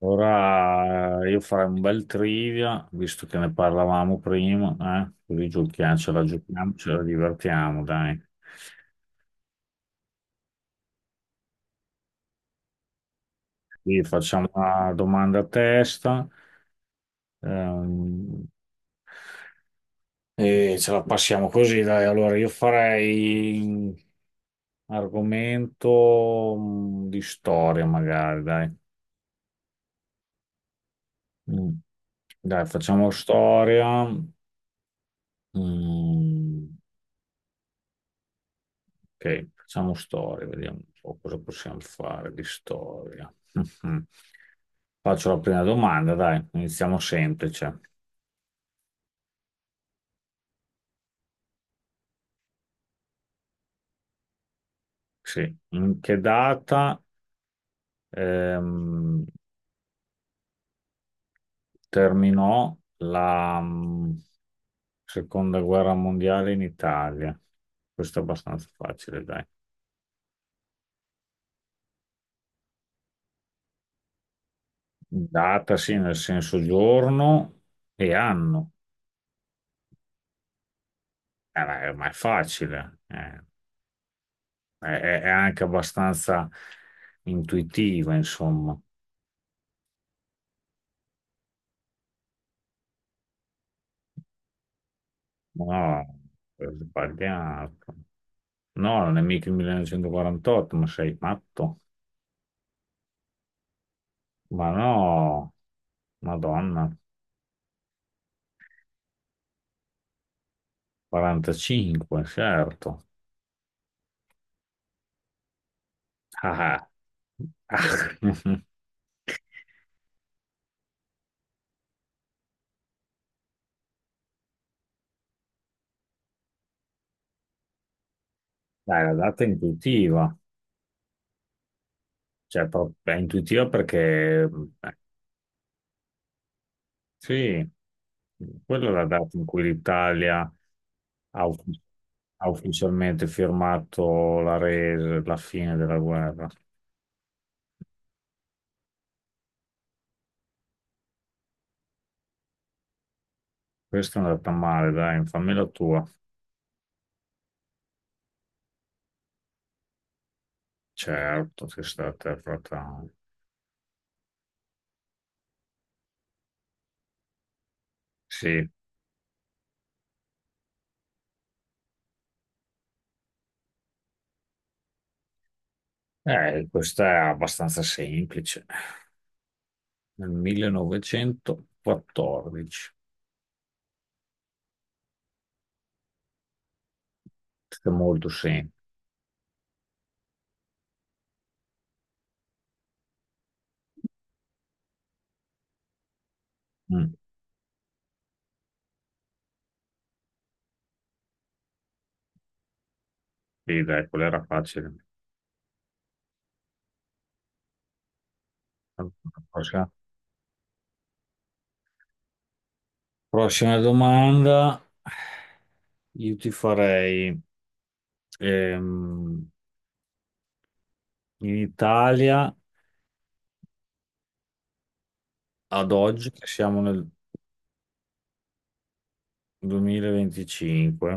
Ora io farei un bel trivia, visto che ne parlavamo prima, eh? Così giochiamo, ce la divertiamo, dai. Quindi facciamo una domanda a testa, ehm, e ce la passiamo così, dai. Allora, io farei un argomento di storia, magari, dai. Mm. Dai, facciamo storia. Mm. Ok, facciamo storia, vediamo un po' cosa possiamo fare di storia. Mhm. Faccio la prima domanda, dai, iniziamo semplice. Sì. In che data ehm, terminò la seconda guerra mondiale in Italia? Questo è abbastanza facile, dai. Data, sì, nel senso giorno e anno. Ma è facile, È anche abbastanza intuitiva, insomma. No, è sbagliato. No, non è mica il 1948, ma sei matto. Ma no, Madonna, 45, certo. Ah, ah. Ah. Dai, la data è intuitiva, cioè è intuitiva perché eh, sì. Quella è la data in cui l'Italia ha uf- ha ufficialmente firmato la resa, la fine della guerra. Questa è andata male, dai, fammi la tua. Certo, che è stata fatta. Sì. Questa è abbastanza semplice. Nel 1914. Questa è molto semplice. Mm. Sì, dai, quella era facile. Prossima, prossima domanda. Io ti farei... ehm, In Italia, ad oggi, che siamo nel 2025,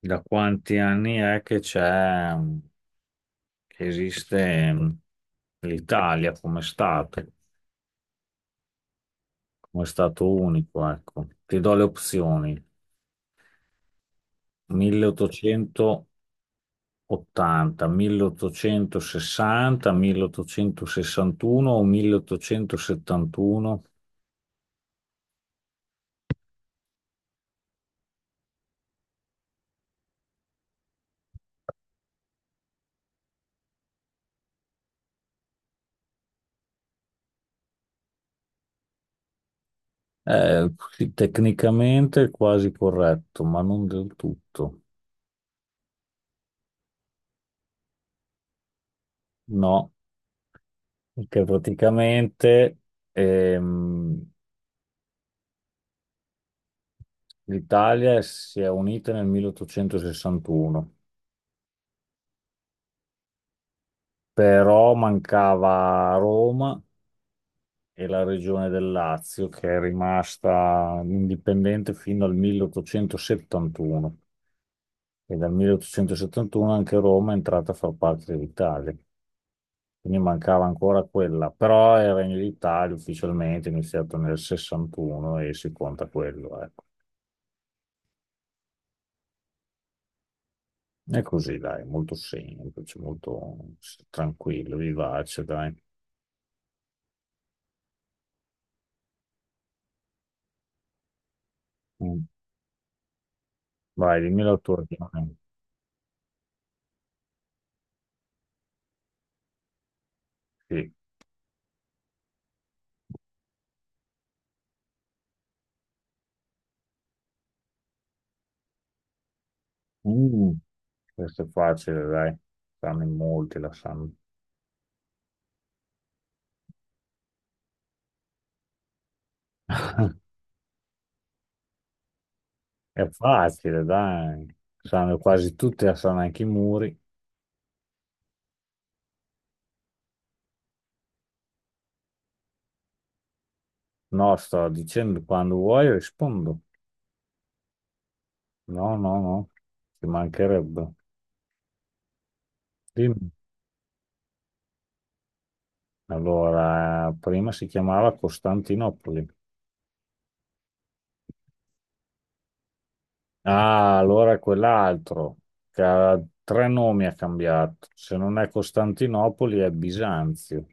da quanti anni è che c'è, che esiste l'Italia come Stato unico, ecco. Ti do le opzioni. 1880, 1860, 1861 o 1871? Sì, tecnicamente è quasi corretto, ma non del tutto. No, che praticamente ehm, l'Italia si è unita nel 1861, però mancava Roma e la regione del Lazio, che è rimasta indipendente fino al 1871. E dal 1871 anche Roma è entrata a far parte dell'Italia, quindi mancava ancora quella, però il Regno d'Italia ufficialmente è iniziato nel 61 e si conta quello, ecco. È così, dai, molto semplice, tranquillo, vivace, dai. Mm. Vai, dimmi la tua opinione. Sì. Mm, questo è facile, dai. Sanno in molti, la sanno. È facile, dai. Sanno quasi tutti, la sanno anche i muri. No, sto dicendo quando vuoi rispondo. No, no, no, ci mancherebbe. Dimmi. Allora, prima si chiamava Costantinopoli. Ah, allora è quell'altro che ha tre nomi ha cambiato. Se non è Costantinopoli è Bisanzio.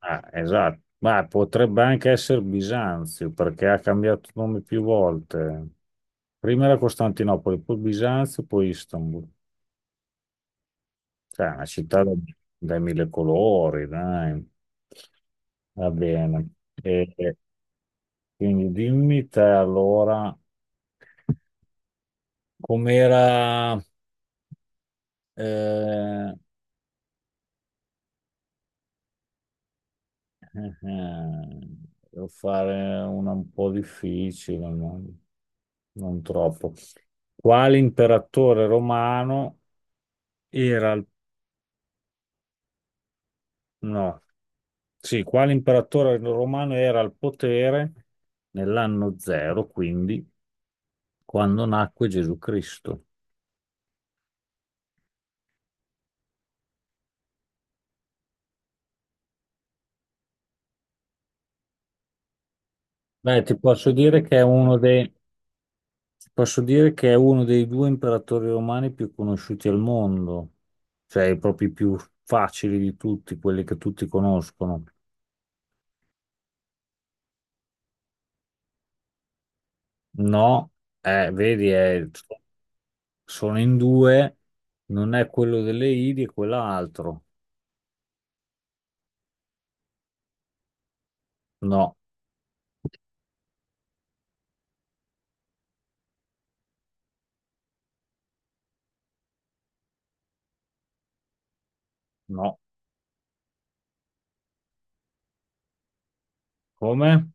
Ah, esatto. Ma potrebbe anche essere Bisanzio perché ha cambiato nome più volte. Prima era Costantinopoli, poi Bisanzio, poi Istanbul. Cioè, è una città dai mille colori, dai. Va bene. E quindi dimmi te allora com'era. eh, Eh, eh, Devo fare una un po' difficile, ma non troppo. Quale imperatore romano era al... no. Sì, quale imperatore romano era al potere nell'anno zero, quindi quando nacque Gesù Cristo? Beh, ti posso dire che è uno dei due imperatori romani più conosciuti al mondo, cioè proprio i più facili di tutti, quelli che tutti conoscono. No, vedi, sono in due, non è quello delle Idi e quell'altro. No, no. Come?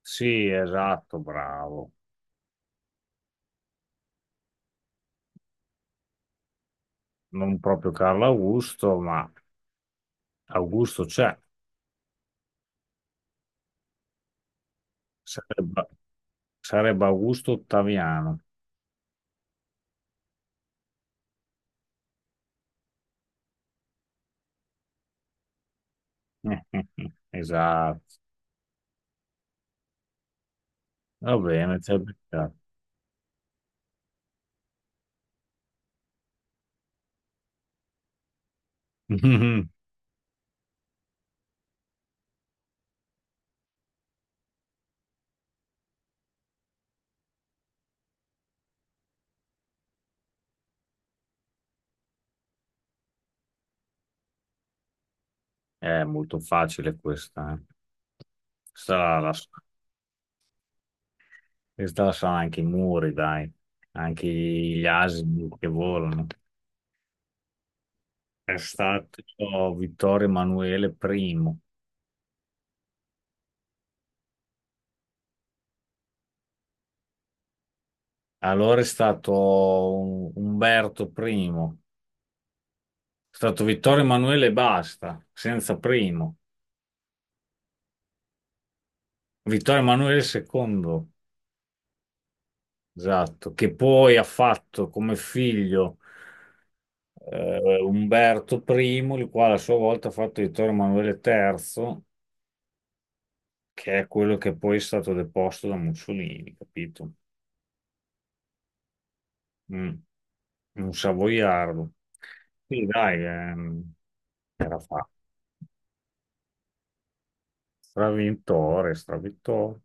Sì, esatto, bravo. Non proprio Carlo Augusto, ma Augusto c'è. Sarebbe, sarebbe Augusto Ottaviano. Esatto. Va bene, ci hai beccato. È molto facile questa, eh. Questa la, la- questa la sanno anche i muri, dai, anche gli asini che volano. È stato Vittorio Emanuele I, allora è stato Umberto I, è stato Vittorio Emanuele e basta, senza primo. Vittorio Emanuele II, esatto, che poi ha fatto come figlio Umberto I, il quale a sua volta ha fatto Vittorio Emanuele III, che è quello che poi è stato deposto da Mussolini, capito? Mm. Un savoiardo. Sì, dai, era fatto. Stravintore, stravintore.